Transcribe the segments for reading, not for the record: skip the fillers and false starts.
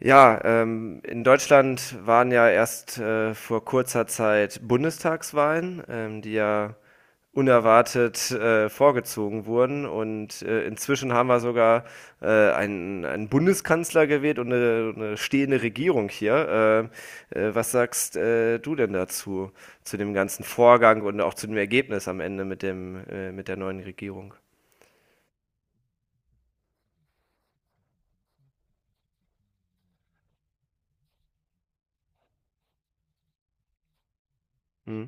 Ja, in Deutschland waren ja erst vor kurzer Zeit Bundestagswahlen, die ja unerwartet vorgezogen wurden. Und inzwischen haben wir sogar einen Bundeskanzler gewählt und eine stehende Regierung hier. Was sagst du denn dazu, zu dem ganzen Vorgang und auch zu dem Ergebnis am Ende mit dem, mit der neuen Regierung? Hm?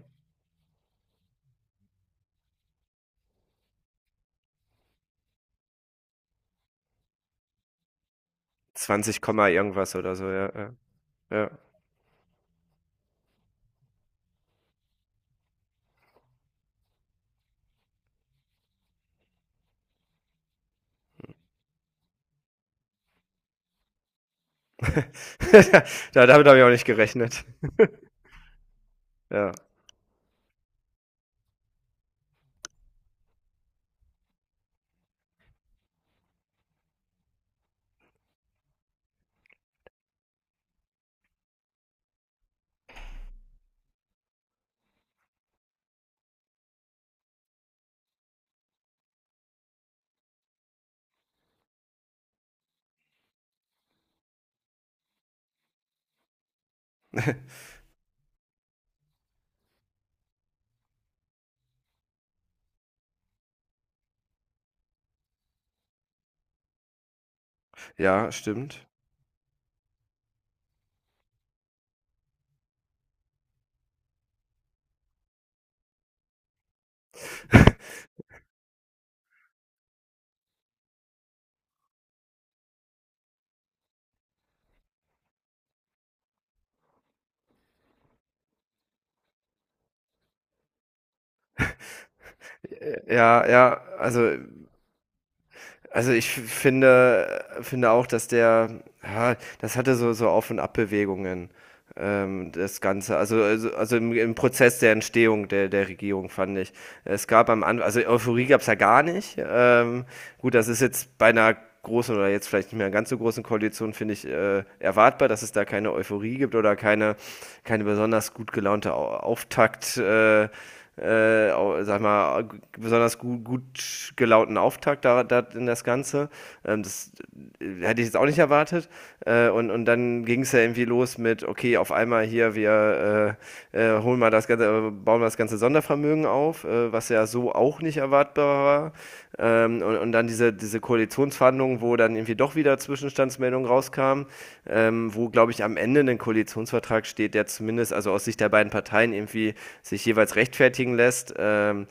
20, Komma irgendwas oder so, ja. Ja. Ja. Ja, damit habe ich auch nicht gerechnet. Ja, ja, stimmt. Ja, ja, also also ich finde auch. Ja, das hatte so Auf- und Abbewegungen, das Ganze. Also, im Prozess der Entstehung der Regierung, fand ich. Es gab am Anfang, also Euphorie gab es ja gar nicht. Gut, das ist jetzt bei einer großen oder jetzt vielleicht nicht mehr ganz so großen Koalition, finde ich, erwartbar, dass es da keine Euphorie gibt oder keine besonders gut gelaunte Auftakt. Äh, sag mal, besonders gut gelaunten Auftakt da in das Ganze. Das hätte ich jetzt auch nicht erwartet. Und dann ging es ja irgendwie los mit, okay, auf einmal hier, wir holen mal das ganze, bauen wir das ganze Sondervermögen auf, was ja so auch nicht erwartbar war. Und dann diese Koalitionsverhandlungen, wo dann irgendwie doch wieder Zwischenstandsmeldungen rauskamen, wo, glaube ich, am Ende ein Koalitionsvertrag steht, der zumindest, also aus Sicht der beiden Parteien, irgendwie sich jeweils rechtfertigen lässt. Ähm,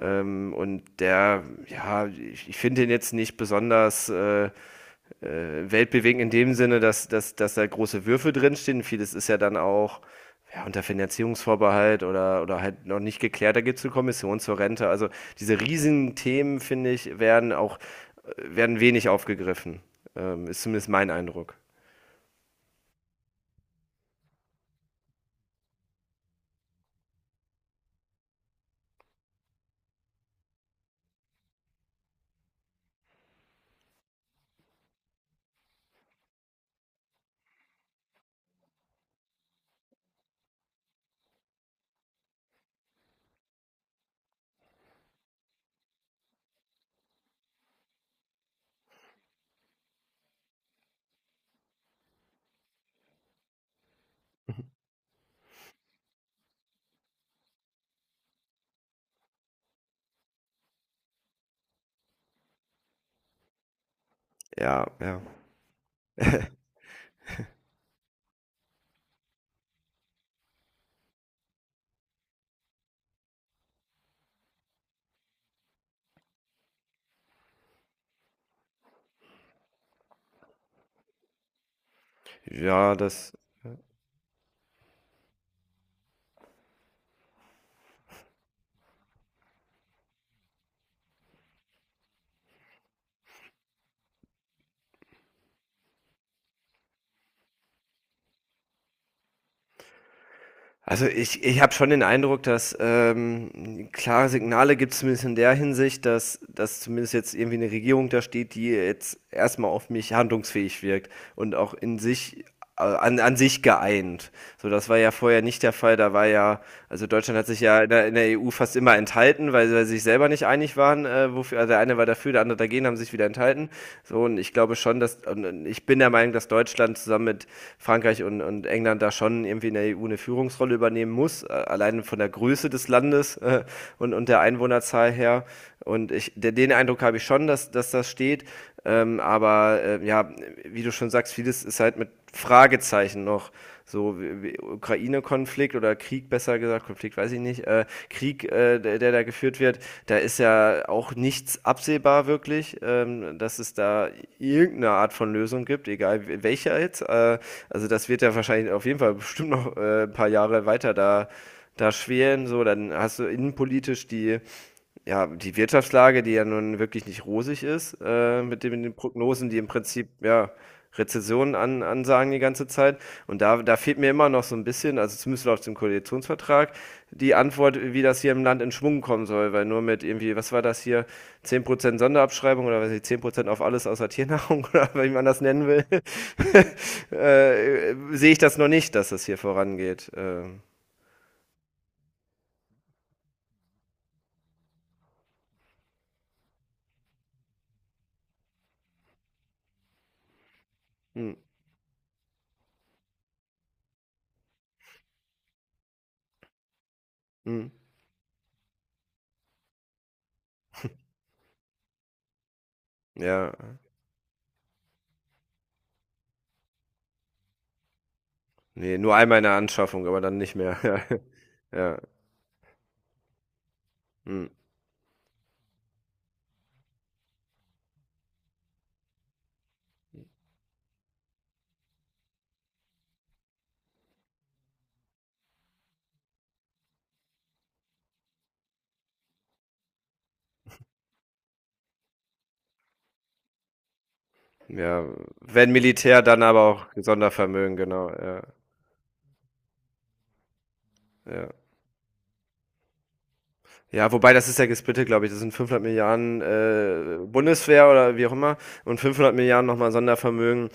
ähm, und der, ja, ich finde ihn jetzt nicht besonders weltbewegend in dem Sinne, dass da große Würfe drinstehen. Vieles ist ja dann auch ja, unter Finanzierungsvorbehalt oder halt noch nicht geklärt. Da gibt es eine Kommission zur Rente. Also diese riesigen Themen, finde ich, werden auch werden wenig aufgegriffen. Ist zumindest mein Eindruck. Ja, ja. ja, das Also ich habe schon den Eindruck, dass klare Signale gibt es zumindest in der Hinsicht, dass zumindest jetzt irgendwie eine Regierung da steht, die jetzt erstmal auf mich handlungsfähig wirkt und auch in sich, an sich geeint. So, das war ja vorher nicht der Fall. Da war ja, also Deutschland hat sich ja in der EU fast immer enthalten, weil sie sich selber nicht einig waren, wofür, also der eine war dafür, der andere dagegen, haben sich wieder enthalten. So, und ich glaube schon, und ich bin der Meinung, dass Deutschland zusammen mit Frankreich und England da schon irgendwie in der EU eine Führungsrolle übernehmen muss, allein von der Größe des Landes und der Einwohnerzahl her. Und den Eindruck habe ich schon, dass das steht. Aber ja, wie du schon sagst, vieles ist halt mit Fragezeichen noch so Ukraine-Konflikt oder Krieg, besser gesagt, Konflikt weiß ich nicht, Krieg, der da geführt wird, da ist ja auch nichts absehbar wirklich, dass es da irgendeine Art von Lösung gibt, egal welcher jetzt. Also das wird ja wahrscheinlich auf jeden Fall bestimmt noch ein paar Jahre weiter da schweren, so, dann hast du innenpolitisch die Wirtschaftslage, die ja nun wirklich nicht rosig ist, mit dem, mit den Prognosen, die im Prinzip, ja, Rezessionen ansagen die ganze Zeit. Und da fehlt mir immer noch so ein bisschen, also zumindest laut dem Koalitionsvertrag, die Antwort, wie das hier im Land in Schwung kommen soll, weil nur mit irgendwie, was war das hier, 10% Sonderabschreibung oder was weiß ich, 10% auf alles außer Tiernahrung oder wie man das nennen will, sehe ich das noch nicht, dass das hier vorangeht. Hm, hm, ja. Nee, nur einmal in der Anschaffung, aber dann nicht mehr. Ja, ja, mhm. Ja, wenn Militär, dann aber auch Sondervermögen, genau, ja, ja. Ja, wobei das ist ja gesplittet, glaube ich. Das sind 500 Milliarden, Bundeswehr oder wie auch immer und 500 Milliarden nochmal Sondervermögen.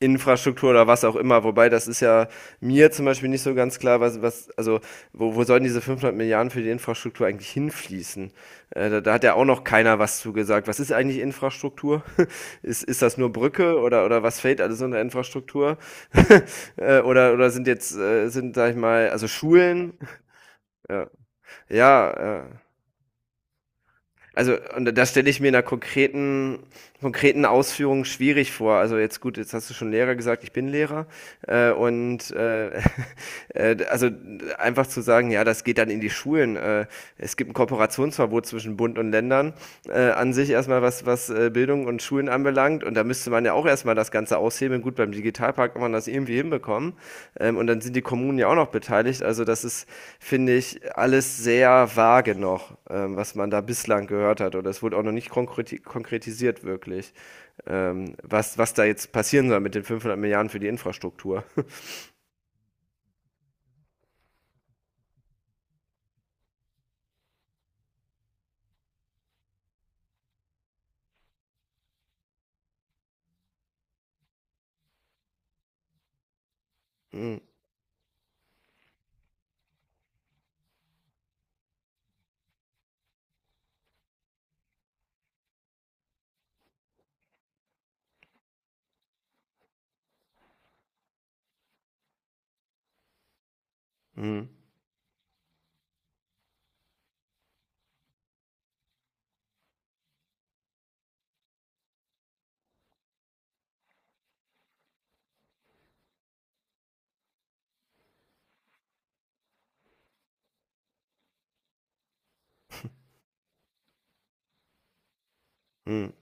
Infrastruktur oder was auch immer. Wobei, das ist ja mir zum Beispiel nicht so ganz klar, was also wo sollen diese 500 Milliarden für die Infrastruktur eigentlich hinfließen? Da hat ja auch noch keiner was zugesagt. Was ist eigentlich Infrastruktur? Ist das nur Brücke oder was fällt alles unter Infrastruktur? Oder sind jetzt, sag ich mal, also Schulen? Ja, ja äh, also, und das stelle ich mir in einer konkreten Ausführung schwierig vor. Also jetzt gut, jetzt hast du schon Lehrer gesagt, ich bin Lehrer. Und also einfach zu sagen, ja, das geht dann in die Schulen. Es gibt ein Kooperationsverbot zwischen Bund und Ländern an sich erstmal, was Bildung und Schulen anbelangt. Und da müsste man ja auch erstmal das Ganze aushebeln. Gut, beim Digitalpakt kann man das irgendwie hinbekommen. Und dann sind die Kommunen ja auch noch beteiligt. Also das ist, finde ich, alles sehr vage noch, was man da bislang gehört hat. Oder es wurde auch noch nicht konkretisiert wirklich, was da jetzt passieren soll mit den 500 Milliarden für die Infrastruktur. Hm, hm, hm.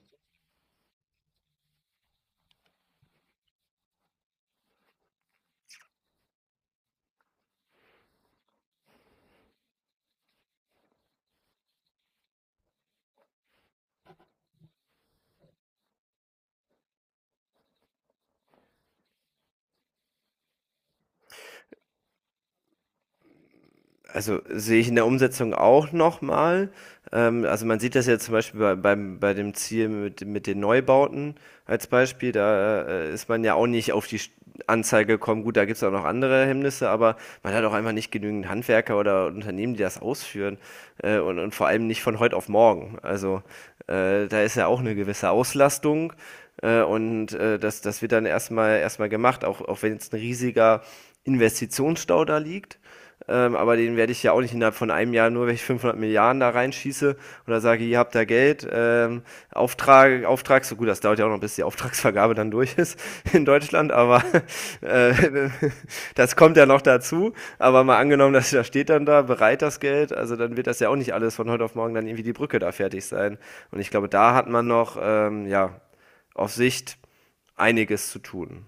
Also, sehe ich in der Umsetzung auch nochmal. Also, man sieht das ja zum Beispiel bei dem Ziel mit den Neubauten als Beispiel. Da, ist man ja auch nicht auf die St Anzeige gekommen. Gut, da gibt es auch noch andere Hemmnisse, aber man hat auch einfach nicht genügend Handwerker oder Unternehmen, die das ausführen, und vor allem nicht von heute auf morgen. Also, da ist ja auch eine gewisse Auslastung, und das wird dann erstmal gemacht, auch wenn jetzt ein riesiger Investitionsstau da liegt. Aber den werde ich ja auch nicht innerhalb von einem Jahr, nur wenn ich 500 Milliarden da reinschieße oder sage, ihr habt da Geld, Auftrag, Auftrag, so gut, das dauert ja auch noch, bis die Auftragsvergabe dann durch ist in Deutschland, aber äh, das kommt ja noch dazu. Aber mal angenommen, dass da steht dann da, bereit das Geld, also dann wird das ja auch nicht alles von heute auf morgen dann irgendwie die Brücke da fertig sein. Und ich glaube, da hat man noch, ja, auf Sicht einiges zu tun.